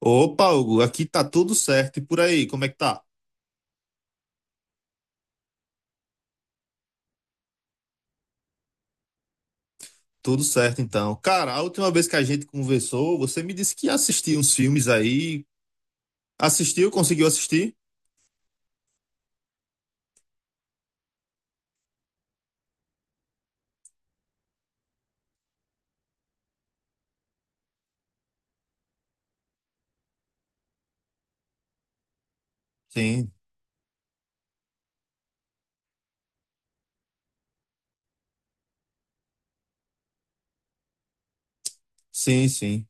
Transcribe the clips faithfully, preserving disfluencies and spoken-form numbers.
Opa, Hugo, aqui tá tudo certo. E por aí, como é que tá? Tudo certo, então. Cara, a última vez que a gente conversou, você me disse que ia assistir uns filmes aí. Assistiu? Conseguiu assistir? Sim, sim, sim.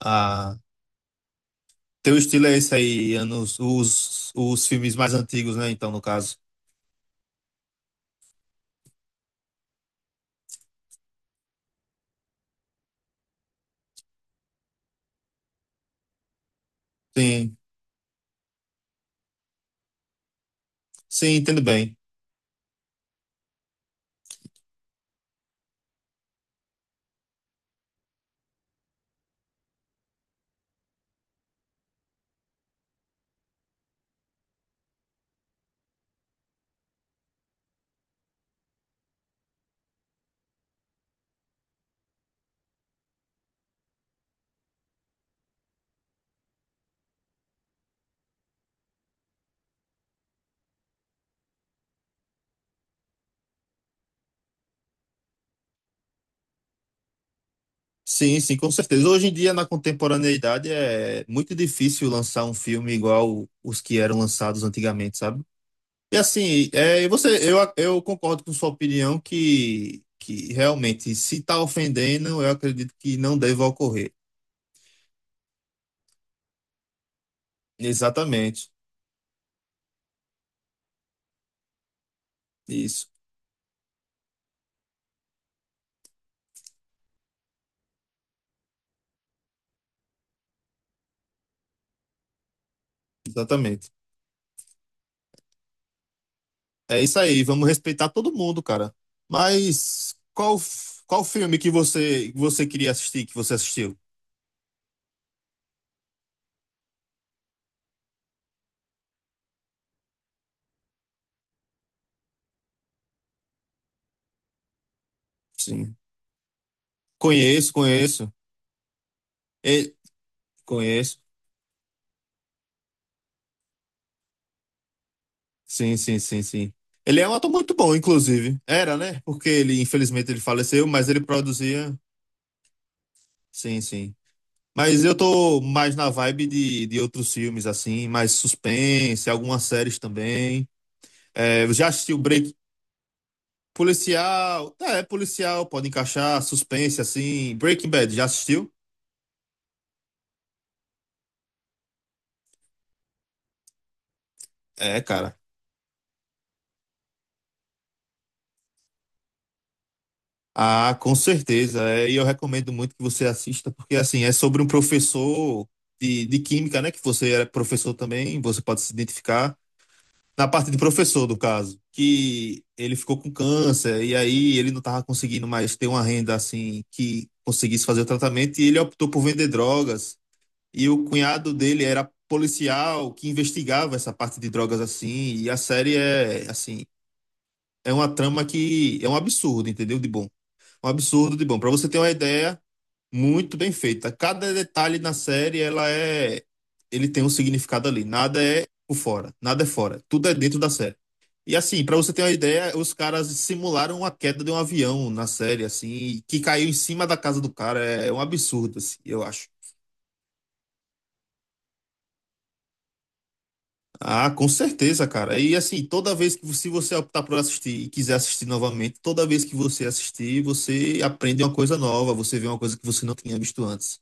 Ah, teu estilo é esse aí, anos, os, os filmes mais antigos, né? Então, no caso. Sim, sim, entendo bem. Sim, sim, com certeza. Hoje em dia, na contemporaneidade, é muito difícil lançar um filme igual os que eram lançados antigamente, sabe? E assim, é, e você, eu, eu concordo com sua opinião que, que realmente, se está ofendendo, eu acredito que não deva ocorrer. Exatamente. Isso, exatamente. É isso aí, vamos respeitar todo mundo, cara. Mas qual, f- qual filme que você, que você queria assistir, que você assistiu? Sim. Conheço, conheço. E- Conheço. Sim, sim, sim, sim. Ele é um ator muito bom, inclusive. Era, né? Porque ele, infelizmente, ele faleceu, mas ele produzia. Sim, sim. Mas eu tô mais na vibe de, de outros filmes, assim, mais suspense, algumas séries também. É, eu já assisti o Break Policial. É, policial, pode encaixar, suspense, assim. Breaking Bad, já assistiu? É, cara. Ah, com certeza. É, e eu recomendo muito que você assista, porque, assim, é sobre um professor de, de química, né? Que você era professor também, você pode se identificar. Na parte de professor, do caso, que ele ficou com câncer e aí ele não estava conseguindo mais ter uma renda assim que conseguisse fazer o tratamento e ele optou por vender drogas. E o cunhado dele era policial que investigava essa parte de drogas assim, e a série é assim, é uma trama que é um absurdo, entendeu? De bom. Um absurdo de bom. Para você ter uma ideia, muito bem feita. Cada detalhe na série, ela é ele tem um significado ali. Nada é por fora, nada é fora. Tudo é dentro da série. E assim, pra você ter uma ideia, os caras simularam a queda de um avião na série, assim, que caiu em cima da casa do cara. É é um absurdo, assim, eu acho. Ah, com certeza, cara. E assim, toda vez que se você optar por assistir e quiser assistir novamente, toda vez que você assistir, você aprende uma coisa nova, você vê uma coisa que você não tinha visto antes.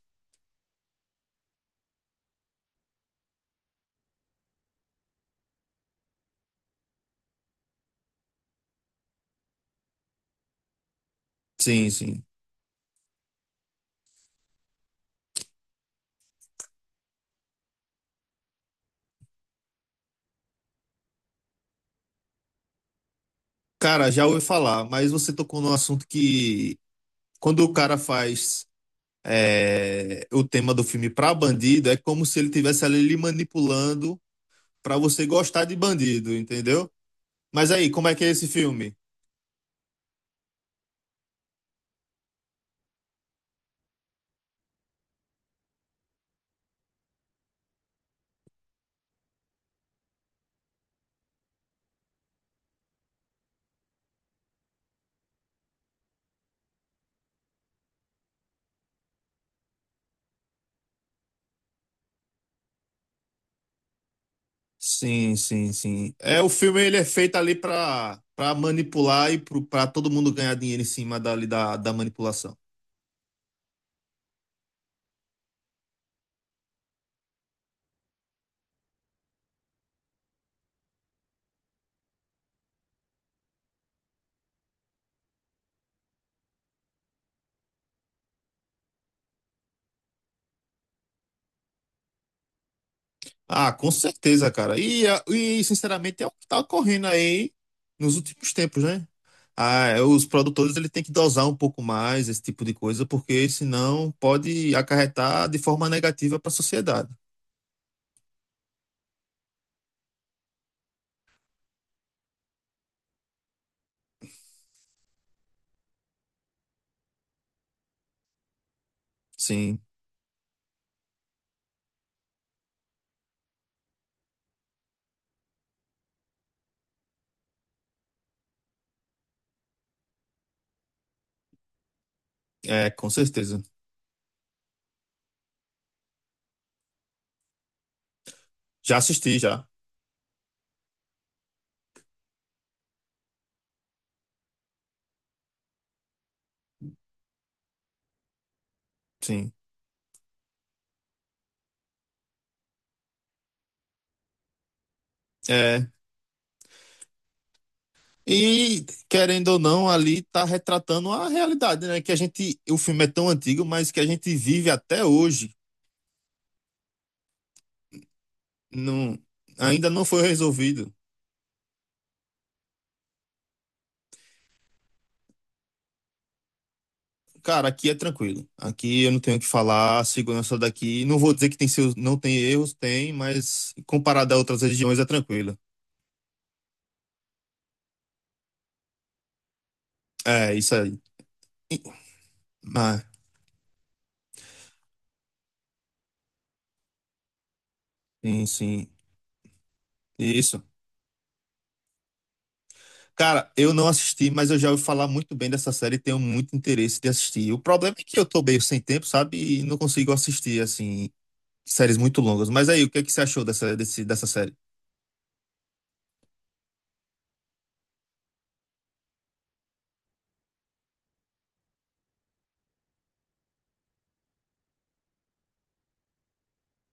Sim, sim. Cara, já ouvi falar, mas você tocou num assunto que quando o cara faz é, o tema do filme pra bandido, é como se ele tivesse ali lhe manipulando. Pra você gostar de bandido, entendeu? Mas aí, como é que é esse filme? Sim, sim, sim. É, o filme ele é feito ali pra, pra manipular e pro, pra todo mundo ganhar dinheiro em cima dali da, da manipulação. Ah, com certeza, cara. E, a- e, sinceramente, é o que tá ocorrendo aí nos últimos tempos, né? Ah, é, os produtores ele tem que dosar um pouco mais esse tipo de coisa, porque senão pode acarretar de forma negativa para a sociedade. Sim, é, com certeza. Já assisti, já. Sim. É. E, querendo ou não, ali tá retratando a realidade, né? Que a gente, o filme é tão antigo, mas que a gente vive até hoje, não, ainda não foi resolvido. Cara, aqui é tranquilo. Aqui eu não tenho o que falar, a segurança daqui, não vou dizer que tem seus, não tem erros, tem, mas comparado a outras regiões é tranquilo. É, isso aí. Ah, sim, sim. Isso. Cara, eu não assisti, mas eu já ouvi falar muito bem dessa série e tenho muito interesse de assistir. O problema é que eu tô meio sem tempo, sabe? E não consigo assistir, assim, séries muito longas. Mas aí, o que é que você achou dessa, desse, dessa série?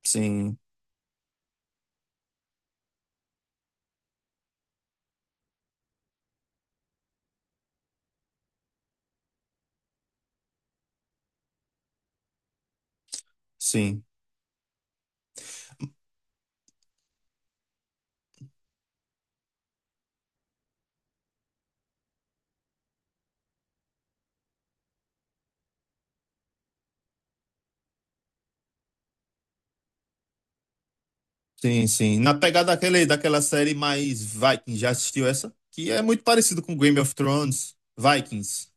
Sim, sim, sim, sim. Na pegada daquele, daquela série mais Vikings, já assistiu essa? Que é muito parecido com Game of Thrones, Vikings.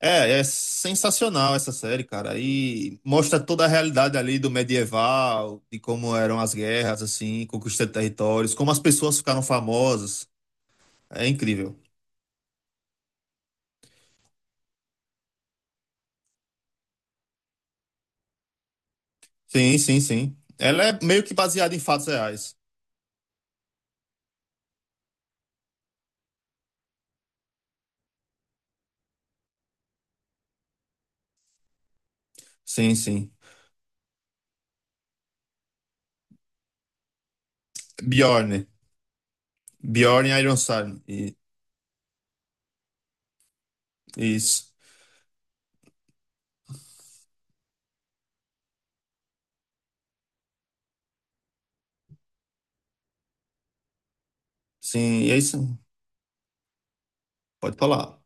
É, é sensacional essa série, cara. E mostra toda a realidade ali do medieval, de como eram as guerras, assim, conquista de territórios, como as pessoas ficaram famosas. É incrível. Sim, sim, sim. Ela é meio que baseada em fatos reais. Sim, sim. Bjorn. Bjorn Ironside. E- Isso. Sim, é isso. Pode falar.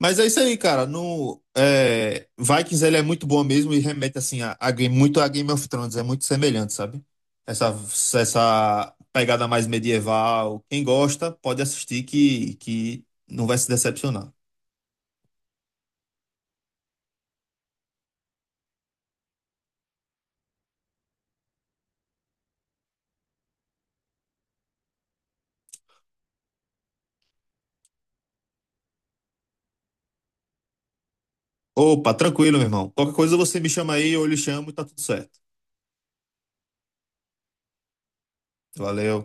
Mas é isso aí, cara. No, é, Vikings ele é muito bom mesmo e remete assim a, a game- muito a Game of Thrones, é muito semelhante, sabe? Essa, essa pegada mais medieval. Quem gosta pode assistir que, que não vai se decepcionar. Opa, tranquilo, meu irmão. Qualquer coisa você me chama aí, eu lhe chamo e tá tudo certo. Valeu.